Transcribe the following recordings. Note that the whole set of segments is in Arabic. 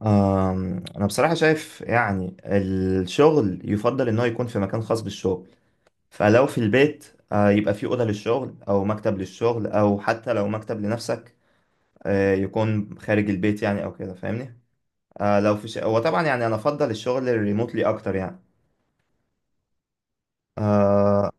أنا بصراحة شايف يعني الشغل يفضل إن هو يكون في مكان خاص بالشغل. فلو في البيت يبقى في أوضة للشغل أو مكتب للشغل أو حتى لو مكتب لنفسك يكون خارج البيت يعني أو كده، فاهمني. هو طبعا يعني أنا أفضل الشغل الريموتلي أكتر يعني. آه،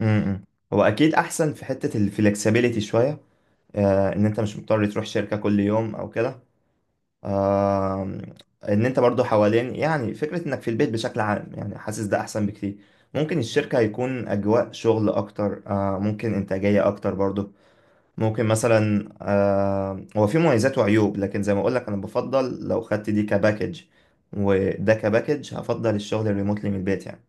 م- م. هو أكيد أحسن في حتة الفلكسبيليتي شوية، إن أنت مش مضطر تروح شركة كل يوم أو كده. آم، ان انت برضو حوالين يعني فكرة انك في البيت بشكل عام، يعني حاسس ده احسن بكتير. ممكن الشركة يكون اجواء شغل اكتر، ممكن انتاجية اكتر برضو، ممكن مثلا. هو في مميزات وعيوب، لكن زي ما اقولك انا بفضل لو خدت دي كباكج، وده كباكج هفضل الشغل الريموتلي من البيت يعني.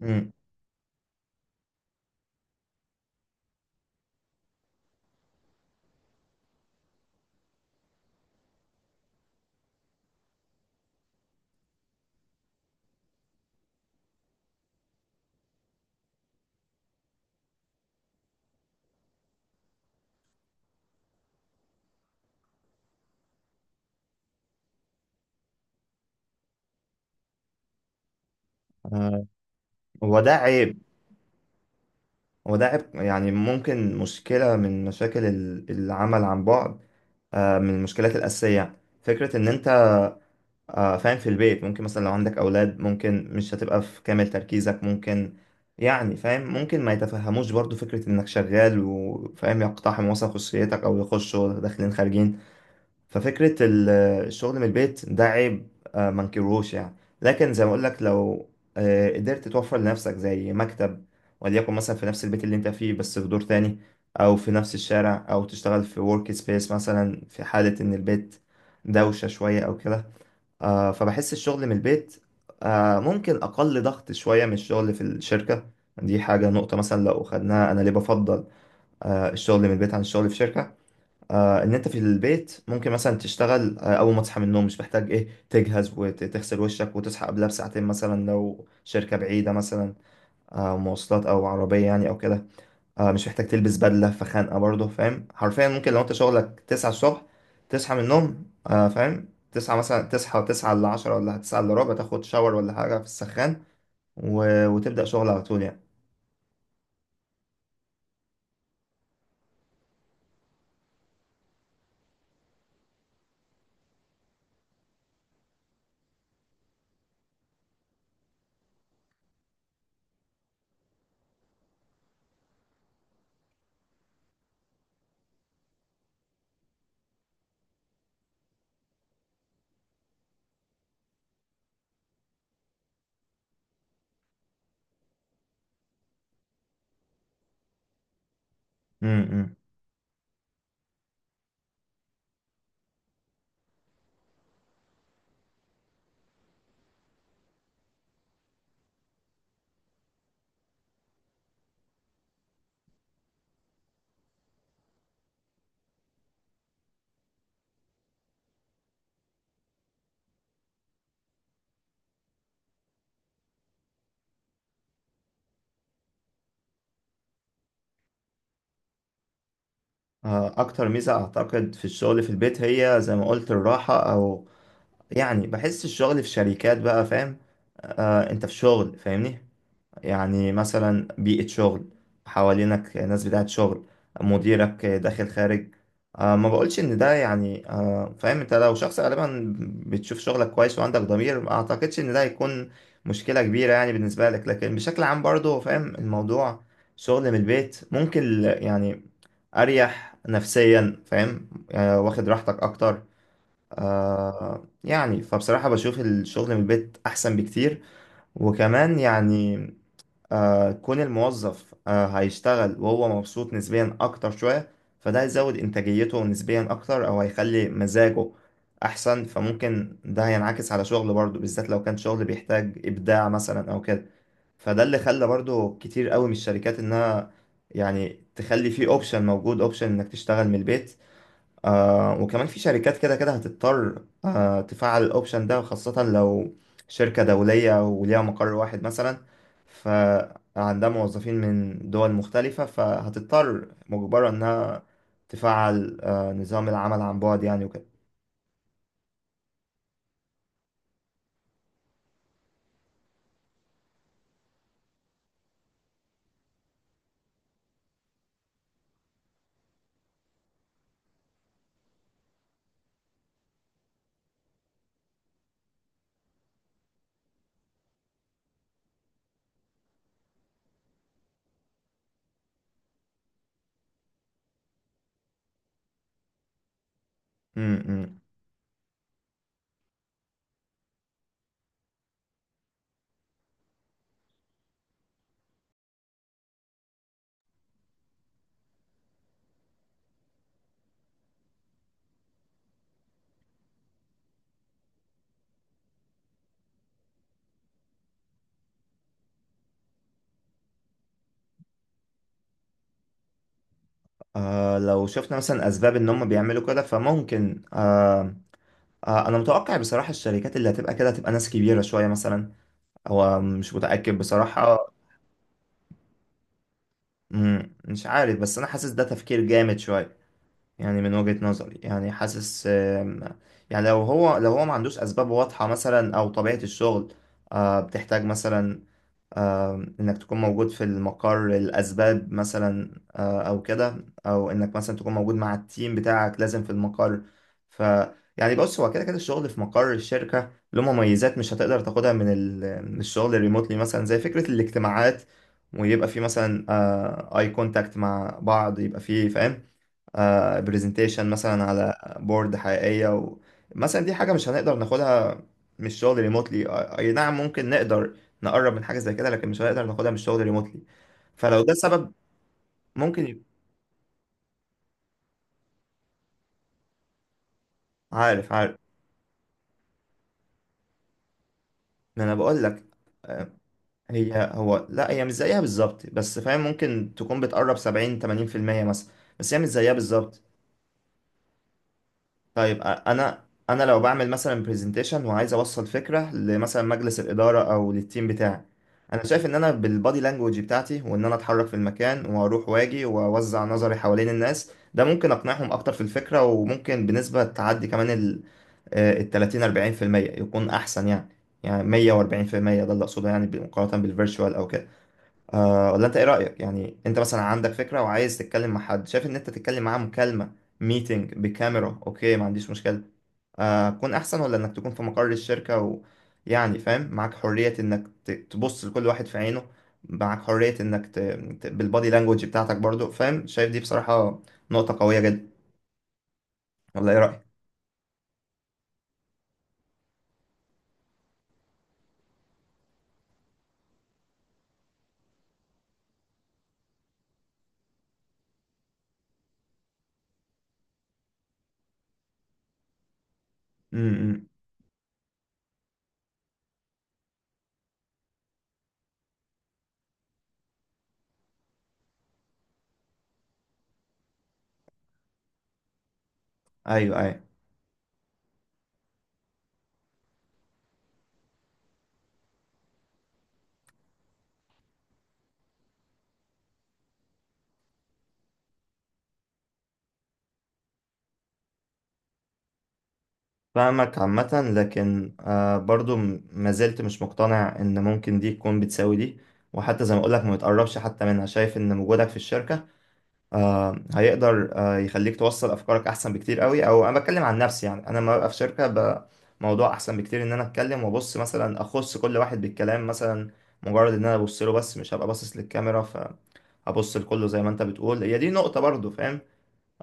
مم. آه، هو ده عيب، هو ده عيب، يعني ممكن مشكلة من مشاكل العمل عن بعد. من المشكلات الأساسية فكرة إن أنت فاهم، في البيت ممكن مثلا لو عندك أولاد، ممكن مش هتبقى في كامل تركيزك، ممكن يعني فاهم، ممكن ما يتفهموش برضو فكرة إنك شغال وفاهم، يقتحم مثلا خصوصيتك أو يخشوا داخلين خارجين. ففكرة الشغل من البيت ده عيب، ما انكروش يعني. لكن زي ما أقول لك، لو قدرت توفر لنفسك زي مكتب، وليكن مثلا في نفس البيت اللي أنت فيه بس في دور تاني، أو في نفس الشارع، أو تشتغل في ورك سبيس مثلا في حالة إن البيت دوشة شوية أو كده. فبحس الشغل من البيت ممكن أقل ضغط شوية من الشغل في الشركة. دي حاجة، نقطة مثلا لو خدناها، أنا ليه بفضل الشغل من البيت عن الشغل في شركة؟ إن أنت في البيت ممكن مثلا تشتغل أول ما تصحى من النوم، مش محتاج إيه تجهز وتغسل وشك وتصحى قبلها بساعتين مثلا لو شركة بعيدة مثلا، مواصلات أو عربية يعني أو كده. مش محتاج تلبس بدلة فخانقة برضه، فاهم، حرفيا ممكن لو انت شغلك 9 الصبح تصحى من النوم، فاهم، تصحى مثلا، تصحى 9 إلا 10 ولا 9 إلا ربع، تاخد شاور ولا حاجة في السخان و... وتبدأ شغل على طول يعني. م -م. أكتر ميزة أعتقد في الشغل في البيت هي زي ما قلت الراحة، أو يعني بحس الشغل في شركات بقى فاهم، أنت في شغل، فاهمني. يعني مثلا بيئة شغل، حوالينك ناس بتاعت شغل، مديرك داخل خارج. ما بقولش ان ده يعني فاهم، انت لو شخص غالبا بتشوف شغلك كويس وعندك ضمير، ما اعتقدش ان ده هيكون مشكلة كبيرة يعني بالنسبة لك. لكن بشكل عام برضه فاهم، الموضوع شغل من البيت ممكن يعني اريح نفسيا، فاهم، واخد راحتك اكتر. يعني فبصراحة بشوف الشغل من البيت احسن بكتير. وكمان يعني كون الموظف هيشتغل وهو مبسوط نسبيا أكتر شوية، فده هيزود إنتاجيته نسبيا أكتر، أو هيخلي مزاجه أحسن، فممكن ده هينعكس على شغله برضه، بالذات لو كان شغل بيحتاج إبداع مثلا أو كده. فده اللي خلى برضه كتير قوي من الشركات إنها يعني تخلي فيه أوبشن موجود، أوبشن إنك تشتغل من البيت. وكمان في شركات كده كده هتضطر تفعل الاوبشن ده، خاصة لو شركة دولية وليها مقر واحد مثلا، فعندها موظفين من دول مختلفة، فهتضطر مجبرة انها تفعل نظام العمل عن بعد يعني وكده. امم لو شفنا مثلا اسباب ان هم بيعملوا كده، فممكن انا متوقع بصراحة، الشركات اللي هتبقى كده هتبقى ناس كبيرة شوية مثلا. هو مش متأكد بصراحة. مش عارف، بس انا حاسس ده تفكير جامد شويه يعني، من وجهة نظري يعني. حاسس يعني لو هو ما عندوش اسباب واضحه مثلا، او طبيعه الشغل بتحتاج مثلا انك تكون موجود في المقر، الاسباب مثلا او كده، او انك مثلا تكون موجود مع التيم بتاعك لازم في المقر. ف يعني بص، هو كده كده الشغل في مقر الشركة له مميزات مش هتقدر تاخدها من من الشغل الريموتلي، مثلا زي فكرة الاجتماعات، ويبقى في مثلا اي كونتاكت مع بعض، يبقى في فاهم، برزنتيشن مثلا على بورد حقيقية. مثلا دي حاجة مش هنقدر ناخدها من الشغل ريموتلي. اي نعم، ممكن نقدر نقرب من حاجة زي كده، لكن مش هنقدر ناخدها من الشغل ريموتلي. فلو ده السبب، ممكن يبقى. عارف، عارف. ما انا بقول لك، آه، هي هو لا، هي مش زيها بالظبط، بس فاهم ممكن تكون بتقرب 70 80% مثلا. بس هي مش زيها بالظبط. طيب، انا لو بعمل مثلا برزنتيشن وعايز اوصل فكره لمثلا مجلس الاداره او للتيم بتاعي، انا شايف ان انا بالبادي لانجوج بتاعتي وان انا اتحرك في المكان واروح واجي واوزع نظري حوالين الناس، ده ممكن اقنعهم اكتر في الفكره، وممكن بنسبه تعدي كمان ال 30 40% يكون احسن يعني. يعني 140% ده اللي اقصده يعني، مقارنه بالفيرتشوال او كده. أه، ولا انت ايه رايك يعني؟ انت مثلا عندك فكره وعايز تتكلم مع حد، شايف ان انت تتكلم معاه مكالمه، ميتنج بكاميرا اوكي ما عنديش مشكله، تكون احسن، ولا انك تكون في مقر الشركة يعني فاهم، معاك حرية انك تبص لكل واحد في عينه، معاك حرية انك بالبادي لانجوج بتاعتك برضو، فاهم، شايف دي بصراحة نقطة قوية جدا. ولا ايه رأيك؟ امم. ايوه، ايوه، فاهمك عامة، لكن برضو ما زلت مش مقتنع ان ممكن دي تكون بتساوي دي، وحتى زي ما اقولك ما بتقربش حتى منها. شايف ان وجودك في الشركة هيقدر يخليك توصل افكارك احسن بكتير قوي. او انا بتكلم عن نفسي يعني، انا لما ببقى في شركه موضوع احسن بكتير ان انا اتكلم وابص مثلا، اخص كل واحد بالكلام مثلا، مجرد ان انا ابص له، بس مش هبقى باصص للكاميرا، فابص لكله زي ما انت بتقول. هي دي نقطه برضو فاهم.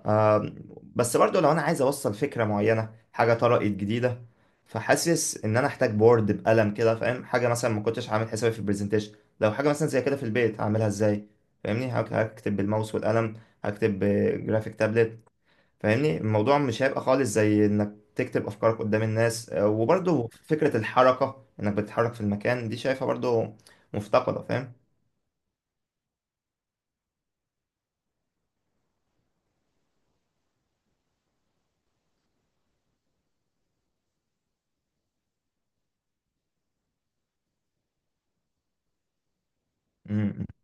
آم، بس برضو لو انا عايز اوصل فكره معينه، حاجه طرقت جديده، فحاسس ان انا احتاج بورد بقلم كده فاهم. حاجه مثلا ما كنتش عامل حسابي في البرزنتيشن، لو حاجه مثلا زي كده في البيت هعملها ازاي؟ فاهمني، هكتب بالماوس والقلم، هكتب بجرافيك تابلت، فاهمني الموضوع مش هيبقى خالص زي انك تكتب افكارك قدام الناس. وبرضو فكره الحركه انك بتتحرك في المكان دي، شايفها برضو مفتقده. فاهم.